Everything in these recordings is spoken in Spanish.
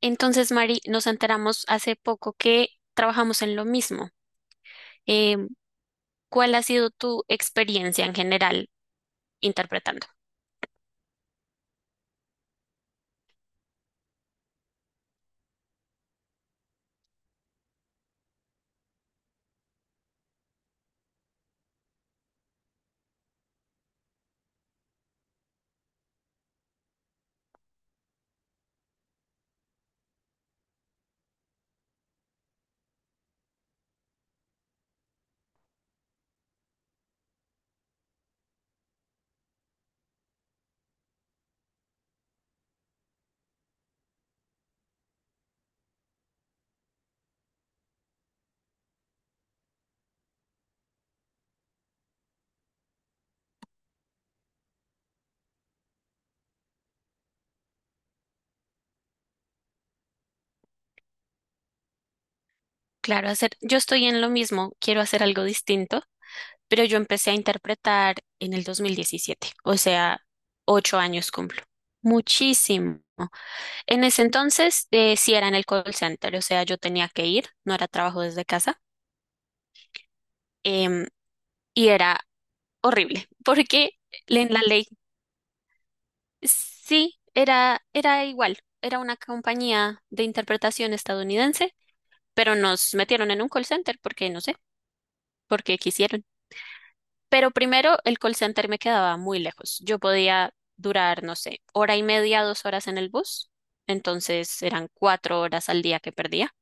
Entonces, Mari, nos enteramos hace poco que trabajamos en lo mismo. Eh, ¿Cuál ha sido tu experiencia en general interpretando? Claro, hacer, yo estoy en lo mismo, quiero hacer algo distinto. Pero yo empecé a interpretar en el 2017, o sea, 8 años cumplo. Muchísimo. En ese entonces, sí era en el call center, o sea, yo tenía que ir, no era trabajo desde casa, em, y era horrible, porque en la ley sí era, era igual, era una compañía de interpretación estadounidense, pero nos metieron en un call center porque, no sé, porque quisieron. Pero primero, el call center me quedaba muy lejos. Yo podía durar, no sé, hora y media, 2 horas en el bus. Entonces eran 4 horas al día que perdía.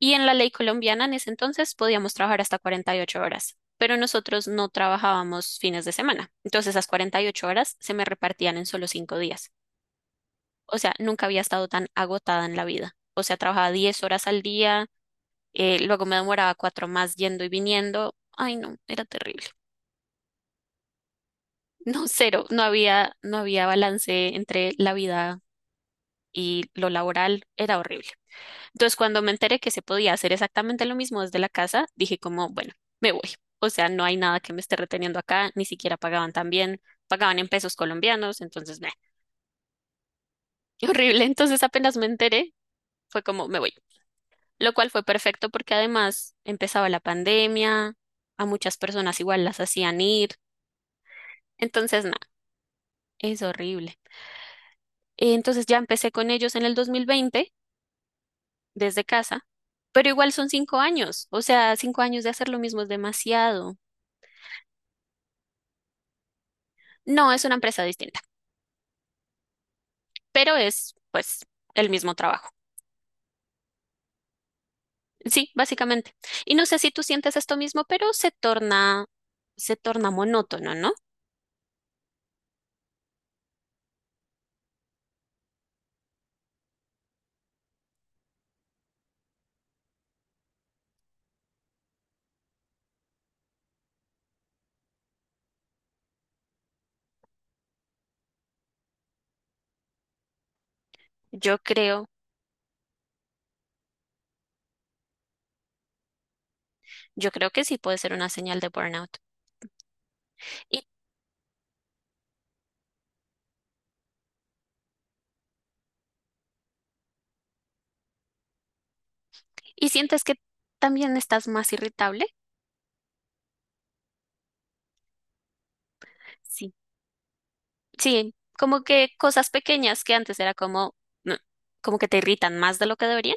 Y en la ley colombiana en ese entonces podíamos trabajar hasta 48 horas, pero nosotros no trabajábamos fines de semana. Entonces esas 48 horas se me repartían en solo 5 días. O sea, nunca había estado tan agotada en la vida. O sea, trabajaba 10 horas al día, luego me demoraba cuatro más yendo y viniendo. Ay, no, era terrible. No, cero, no había balance entre la vida y lo laboral, era horrible. Entonces, cuando me enteré que se podía hacer exactamente lo mismo desde la casa, dije como, bueno, me voy. O sea, no hay nada que me esté reteniendo acá, ni siquiera pagaban tan bien, pagaban en pesos colombianos, entonces, meh, horrible. Entonces, apenas me enteré, fue como, me voy. Lo cual fue perfecto porque además empezaba la pandemia, a muchas personas igual las hacían ir, entonces, nada, es horrible. Entonces ya empecé con ellos en el 2020 desde casa, pero igual son 5 años, o sea, 5 años de hacer lo mismo es demasiado. No, es una empresa distinta, pero es pues el mismo trabajo. Sí, básicamente. Y no sé si tú sientes esto mismo, pero se torna monótono, ¿no? Yo creo, yo creo que sí puede ser una señal de burnout. ¿Y, y sientes que también estás más irritable? Sí. Sí, como que cosas pequeñas que antes era como, mm, como que te irritan más de lo que deberían.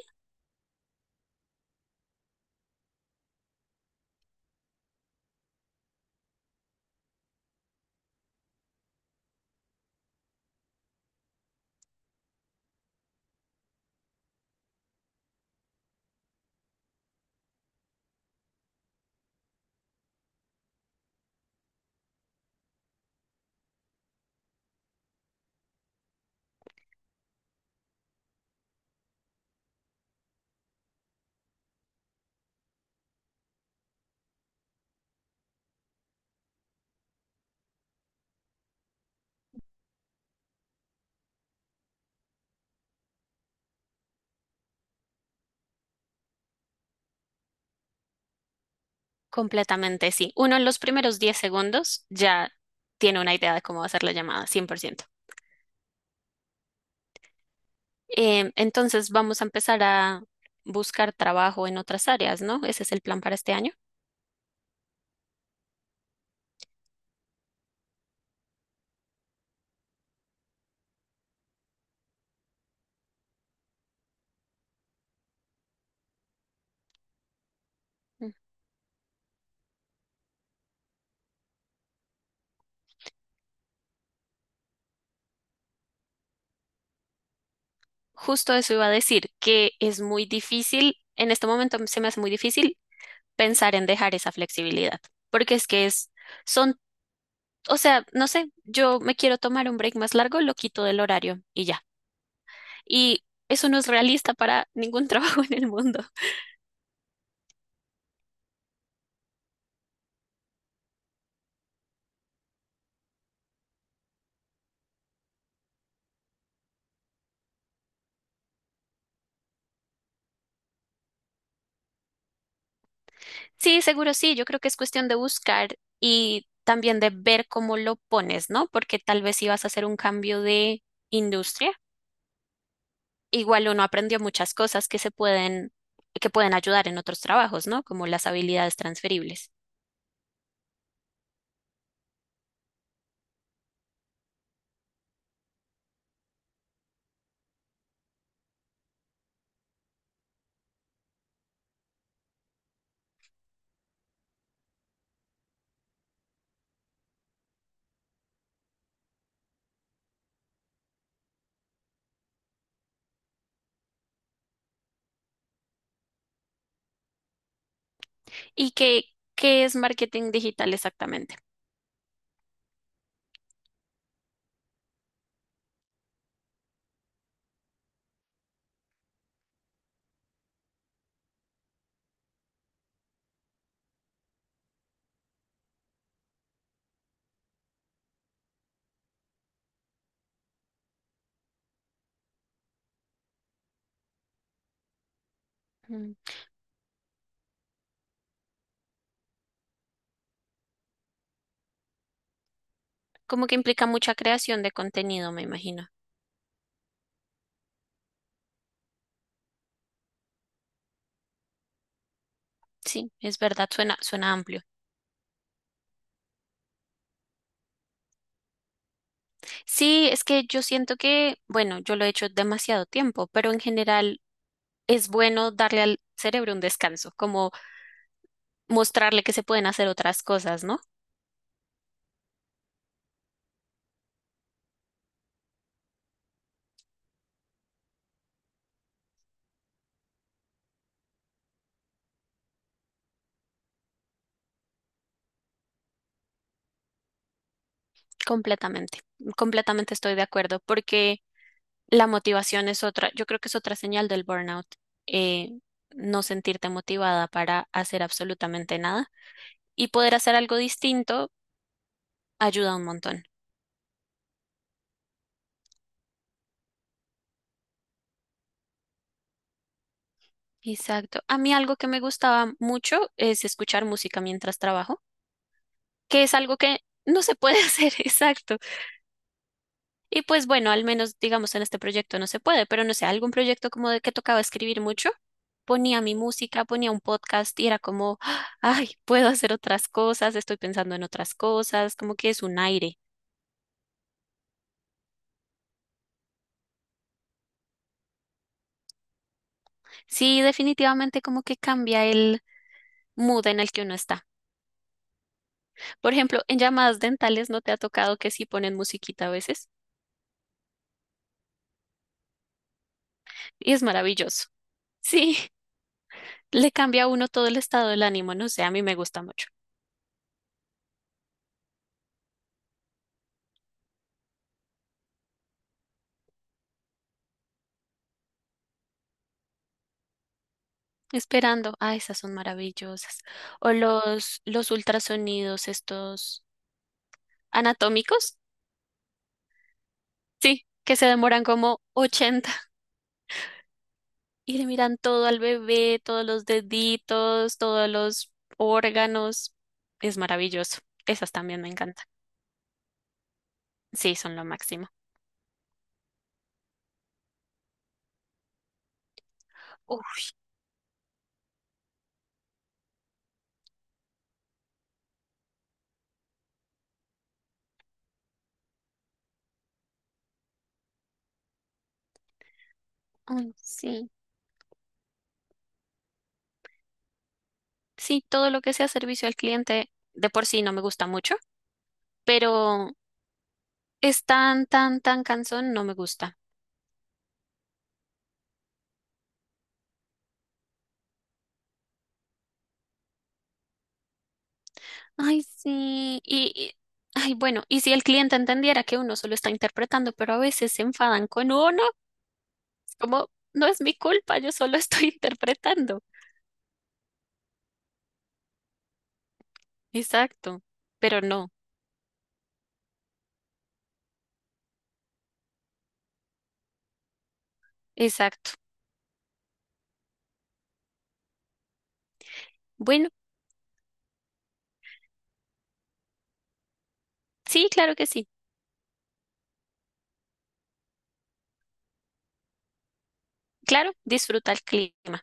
Completamente, sí. Uno en los primeros 10 segundos ya tiene una idea de cómo va a ser la llamada, 100%. Entonces vamos a empezar a buscar trabajo en otras áreas, ¿no? Ese es el plan para este año. Mm. Justo eso iba a decir, que es muy difícil, en este momento se me hace muy difícil pensar en dejar esa flexibilidad, porque es que es, son, o sea, no sé, yo me quiero tomar un break más largo, lo quito del horario y ya. Y eso no es realista para ningún trabajo en el mundo. Sí, seguro sí, yo creo que es cuestión de buscar y también de ver cómo lo pones, ¿no? Porque tal vez si vas a hacer un cambio de industria. Igual uno aprendió muchas cosas que se pueden, que pueden ayudar en otros trabajos, ¿no? Como las habilidades transferibles. ¿Y qué, ¿Qué es marketing digital exactamente? Mm, como que implica mucha creación de contenido, me imagino. Sí, es verdad, suena, suena amplio. Sí, es que yo siento que, bueno, yo lo he hecho demasiado tiempo, pero en general es bueno darle al cerebro un descanso, como mostrarle que se pueden hacer otras cosas, ¿no? Completamente, completamente estoy de acuerdo, porque la motivación es otra, yo creo que es otra señal del burnout, eh, no sentirte motivada para hacer absolutamente nada y poder hacer algo distinto ayuda un montón. Exacto. A mí algo que me gustaba mucho es escuchar música mientras trabajo, que es algo que no se puede hacer, exacto. Y pues bueno, al menos digamos en este proyecto no se puede, pero no sé, algún proyecto como de que tocaba escribir mucho, ponía mi música, ponía un podcast y era como, ¡ah! Ay, puedo hacer otras cosas, estoy pensando en otras cosas, como que es un aire. Sí, definitivamente como que cambia el mood en el que uno está. Por ejemplo, en llamadas dentales no te ha tocado que sí ponen musiquita a veces y es maravilloso. Sí. Le cambia a uno todo el estado del ánimo, no sé, a mí me gusta mucho. Esperando, ah, esas son maravillosas. O los ultrasonidos, estos anatómicos, sí, que se demoran como 80 y le miran todo al bebé, todos los deditos, todos los órganos. Es maravilloso. Esas también me encantan. Sí, son lo máximo. Uf, ay, sí. Sí, todo lo que sea servicio al cliente de por sí no me gusta mucho, pero es tan, tan, tan cansón, no me gusta. Ay, sí. Ay, bueno, y si el cliente entendiera que uno solo está interpretando, pero a veces se enfadan con uno, es como, no es mi culpa, yo solo estoy interpretando. Exacto. Pero no, exacto. Bueno, sí, claro que sí. Claro, disfruta el clima.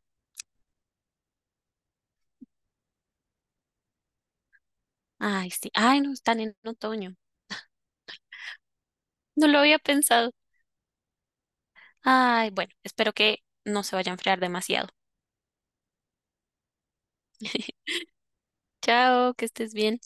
Ay, sí. Ay, no, están en otoño. No lo había pensado. Ay, bueno, espero que no se vaya a enfriar demasiado. Chao, que estés bien.